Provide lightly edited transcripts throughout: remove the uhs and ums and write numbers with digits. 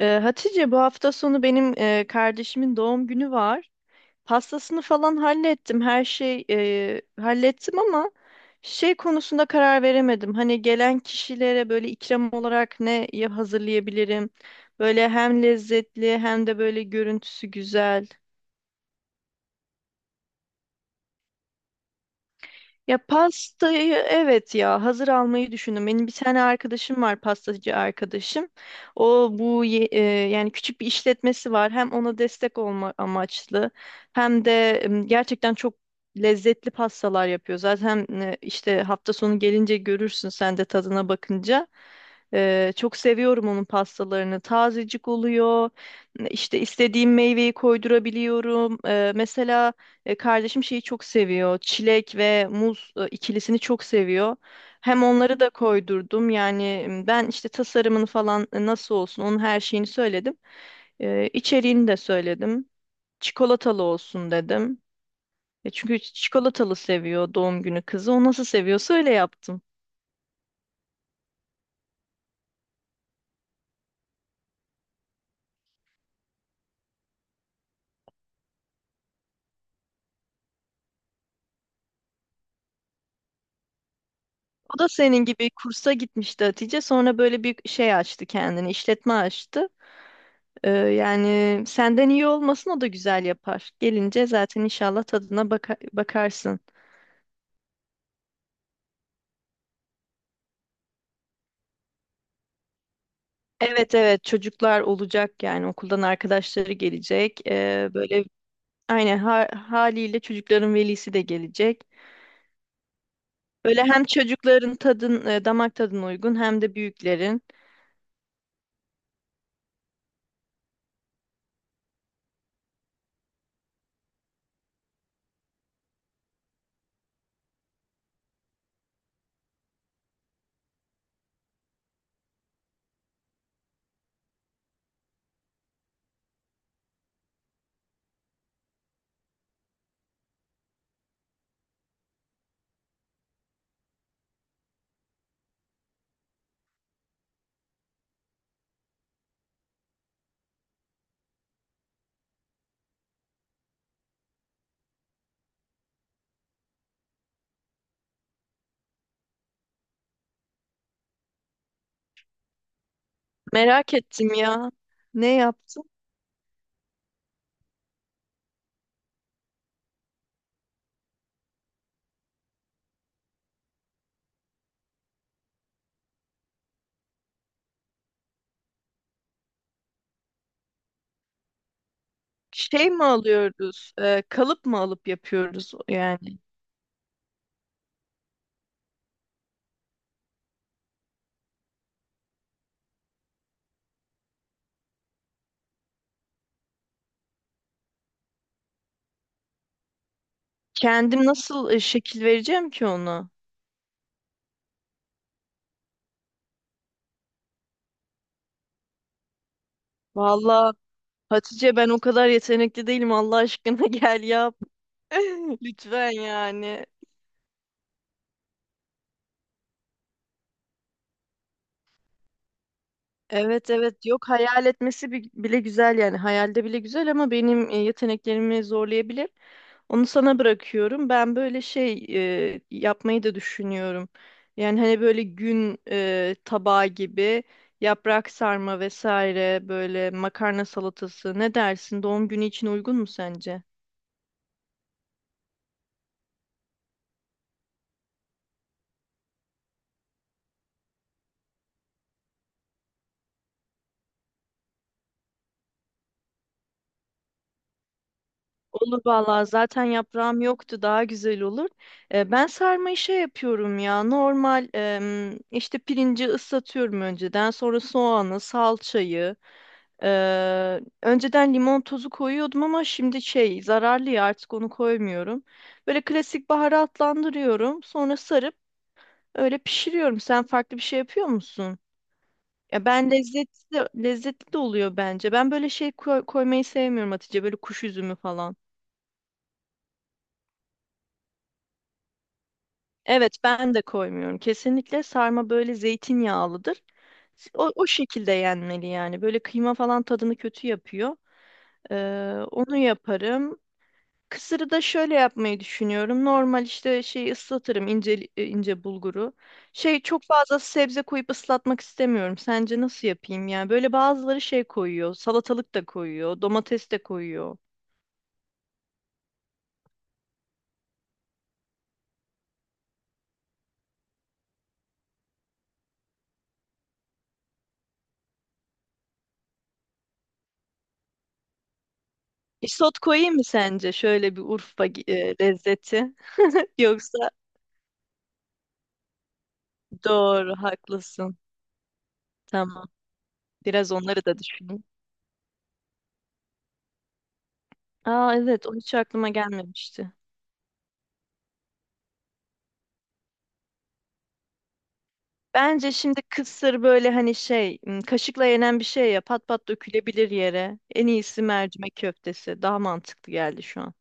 Hatice, bu hafta sonu benim kardeşimin doğum günü var. Pastasını falan hallettim. Her şey hallettim ama şey konusunda karar veremedim. Hani gelen kişilere böyle ikram olarak hazırlayabilirim? Böyle hem lezzetli hem de böyle görüntüsü güzel. Ya pastayı evet ya hazır almayı düşündüm. Benim bir tane arkadaşım var, pastacı arkadaşım. O bu ye- e, Yani küçük bir işletmesi var. Hem ona destek olma amaçlı hem de gerçekten çok lezzetli pastalar yapıyor. Zaten işte hafta sonu gelince görürsün sen de tadına bakınca. Çok seviyorum onun pastalarını. Tazecik oluyor. İşte istediğim meyveyi koydurabiliyorum. Mesela kardeşim şeyi çok seviyor. Çilek ve muz ikilisini çok seviyor. Hem onları da koydurdum. Yani ben işte tasarımını falan nasıl olsun onun her şeyini söyledim. İçeriğini de söyledim. Çikolatalı olsun dedim. Çünkü çikolatalı seviyor doğum günü kızı. O nasıl seviyorsa öyle yaptım. O da senin gibi kursa gitmişti, Hatice. Sonra böyle bir şey açtı kendini, işletme açtı. Yani senden iyi olmasın, o da güzel yapar. Gelince zaten inşallah bakarsın. Evet, evet, çocuklar olacak, yani okuldan arkadaşları gelecek. Böyle aynen haliyle çocukların velisi de gelecek. Böyle hem çocukların damak tadına uygun hem de büyüklerin. Merak ettim ya. Ne yaptın? Şey mi alıyoruz? Kalıp mı alıp yapıyoruz yani? Kendim nasıl şekil vereceğim ki onu? Vallahi Hatice, ben o kadar yetenekli değilim, Allah aşkına gel yap. Lütfen yani. Evet, evet, yok, hayal etmesi bile güzel, yani hayalde bile güzel ama benim yeteneklerimi zorlayabilir. Onu sana bırakıyorum. Ben böyle şey yapmayı da düşünüyorum. Yani hani böyle gün tabağı gibi yaprak sarma vesaire, böyle makarna salatası, ne dersin? Doğum günü için uygun mu sence? Olur vallahi, zaten yaprağım yoktu, daha güzel olur. Ben sarmayı şey yapıyorum ya, normal işte pirinci ıslatıyorum önceden, sonra soğanı, salçayı. e, Önceden limon tozu koyuyordum ama şimdi şey zararlı ya, artık onu koymuyorum. Böyle klasik baharatlandırıyorum, sonra sarıp öyle pişiriyorum. Sen farklı bir şey yapıyor musun? Ya ben, lezzetli, lezzetli de oluyor bence. Ben böyle koymayı sevmiyorum Hatice, böyle kuş üzümü falan. Evet, ben de koymuyorum. Kesinlikle sarma böyle zeytinyağlıdır. O, o şekilde yenmeli yani. Böyle kıyma falan tadını kötü yapıyor. Ee, Onu yaparım. Kısırı da şöyle yapmayı düşünüyorum. Normal işte şey ıslatırım ince bulguru. Şey, çok fazla sebze koyup ıslatmak istemiyorum. Sence nasıl yapayım yani? Böyle bazıları şey koyuyor. Salatalık da koyuyor, domates de koyuyor. Isot koyayım mı sence, şöyle bir Urfa lezzeti? Yoksa doğru, haklısın. Tamam. Biraz onları da düşünün. Aa evet, o hiç aklıma gelmemişti. Bence şimdi kısır böyle hani şey, kaşıkla yenen bir şey ya, pat pat dökülebilir yere. En iyisi mercimek köftesi. Daha mantıklı geldi şu an.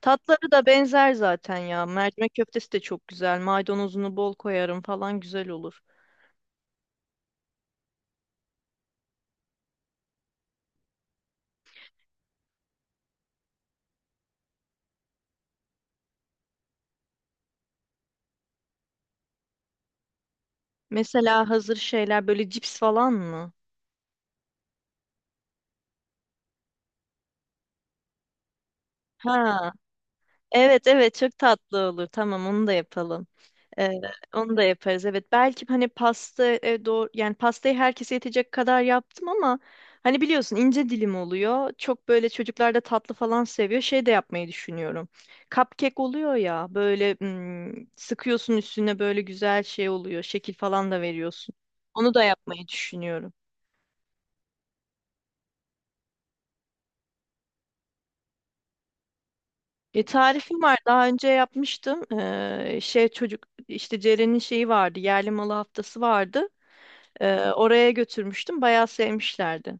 Tatları da benzer zaten ya. Mercimek köftesi de çok güzel. Maydanozunu bol koyarım falan, güzel olur. Mesela hazır şeyler böyle cips falan mı? Ha, evet, evet, çok tatlı olur. Tamam, onu da yapalım. Ee, Onu da yaparız. Evet, belki hani pasta doğru, yani pastayı herkese yetecek kadar yaptım ama hani biliyorsun ince dilim oluyor. Çok böyle çocuklar da tatlı falan seviyor. Şey de yapmayı düşünüyorum. Cupcake oluyor ya, böyle hmm, sıkıyorsun üstüne, böyle güzel şey oluyor. Şekil falan da veriyorsun. Onu da yapmayı düşünüyorum. Tarifim var. Daha önce yapmıştım. Şey çocuk işte Ceren'in şeyi vardı. Yerli malı haftası vardı. Oraya götürmüştüm. Bayağı sevmişlerdi.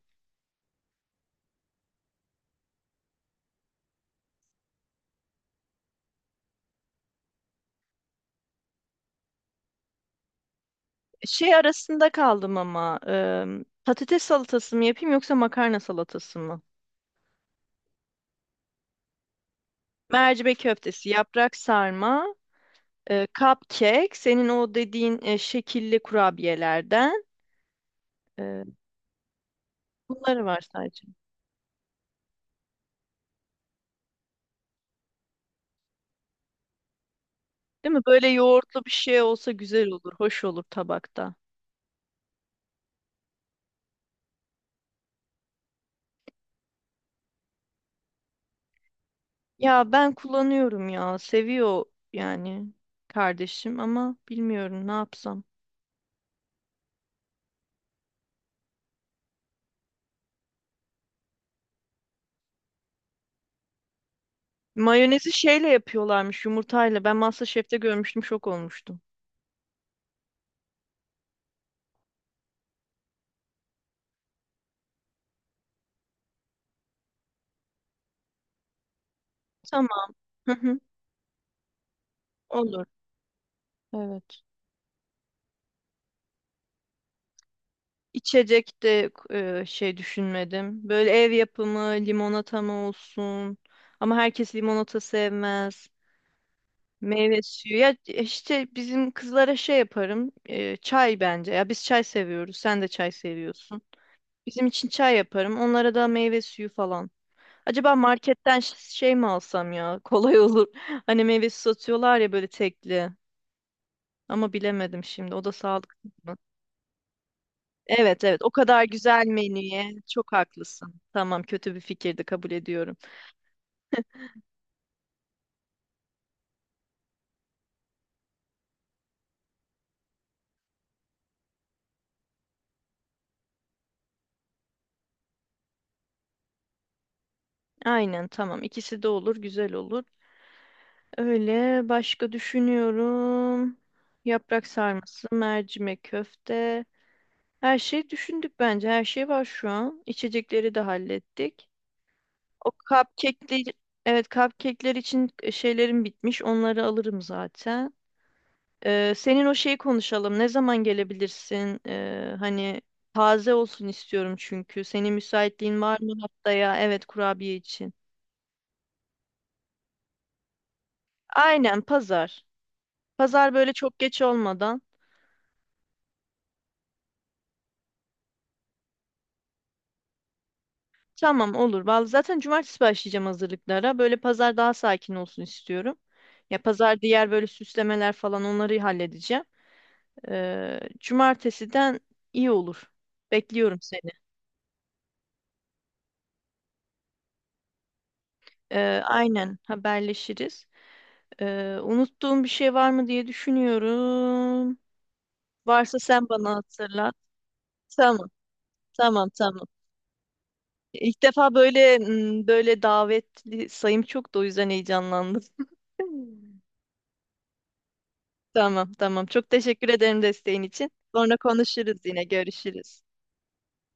Şey arasında kaldım ama patates salatası mı yapayım yoksa makarna salatası mı? Mercimek köftesi, yaprak sarma, cupcake, senin o dediğin şekilli kurabiyelerden, e, bunları var sadece. Değil mi? Böyle yoğurtlu bir şey olsa güzel olur, hoş olur tabakta. Ya ben kullanıyorum ya, seviyor yani kardeşim ama bilmiyorum ne yapsam. Mayonezi şeyle yapıyorlarmış, yumurtayla. Ben MasterChef'te görmüştüm, şok olmuştum. Tamam. Olur. Evet. İçecek de şey düşünmedim. Böyle ev yapımı limonata mı olsun? Ama herkes limonata sevmez. Meyve suyu. Ya işte bizim kızlara şey yaparım. Çay bence. Ya biz çay seviyoruz. Sen de çay seviyorsun. Bizim için çay yaparım. Onlara da meyve suyu falan. Acaba marketten şey mi alsam ya? Kolay olur. Hani meyve suyu satıyorlar ya, böyle tekli. Ama bilemedim şimdi. O da sağlıklı. Evet, evet, o kadar güzel menüye çok haklısın. Tamam, kötü bir fikirdi, kabul ediyorum. Aynen, tamam, ikisi de olur, güzel olur. Öyle başka düşünüyorum. Yaprak sarması, mercimek köfte. Her şeyi düşündük bence. Her şey var şu an. İçecekleri de hallettik. O cupcake'ler, evet cupcake'ler için şeylerim bitmiş. Onları alırım zaten. Senin o şeyi konuşalım. Ne zaman gelebilirsin? Hani taze olsun istiyorum çünkü. Senin müsaitliğin var mı haftaya? Evet, kurabiye için. Aynen, pazar. Pazar böyle çok geç olmadan. Tamam, olur. Vallahi zaten cumartesi başlayacağım hazırlıklara. Böyle pazar daha sakin olsun istiyorum. Ya pazar diğer böyle süslemeler falan, onları halledeceğim. Cumartesiden iyi olur. Bekliyorum seni. Aynen, haberleşiriz. Unuttuğum bir şey var mı diye düşünüyorum. Varsa sen bana hatırlat. Tamam, tamam, tamam. İlk defa böyle böyle davetli sayım çok, da o yüzden heyecanlandım. Tamam, tamam. Çok teşekkür ederim desteğin için. Sonra konuşuruz yine, görüşürüz.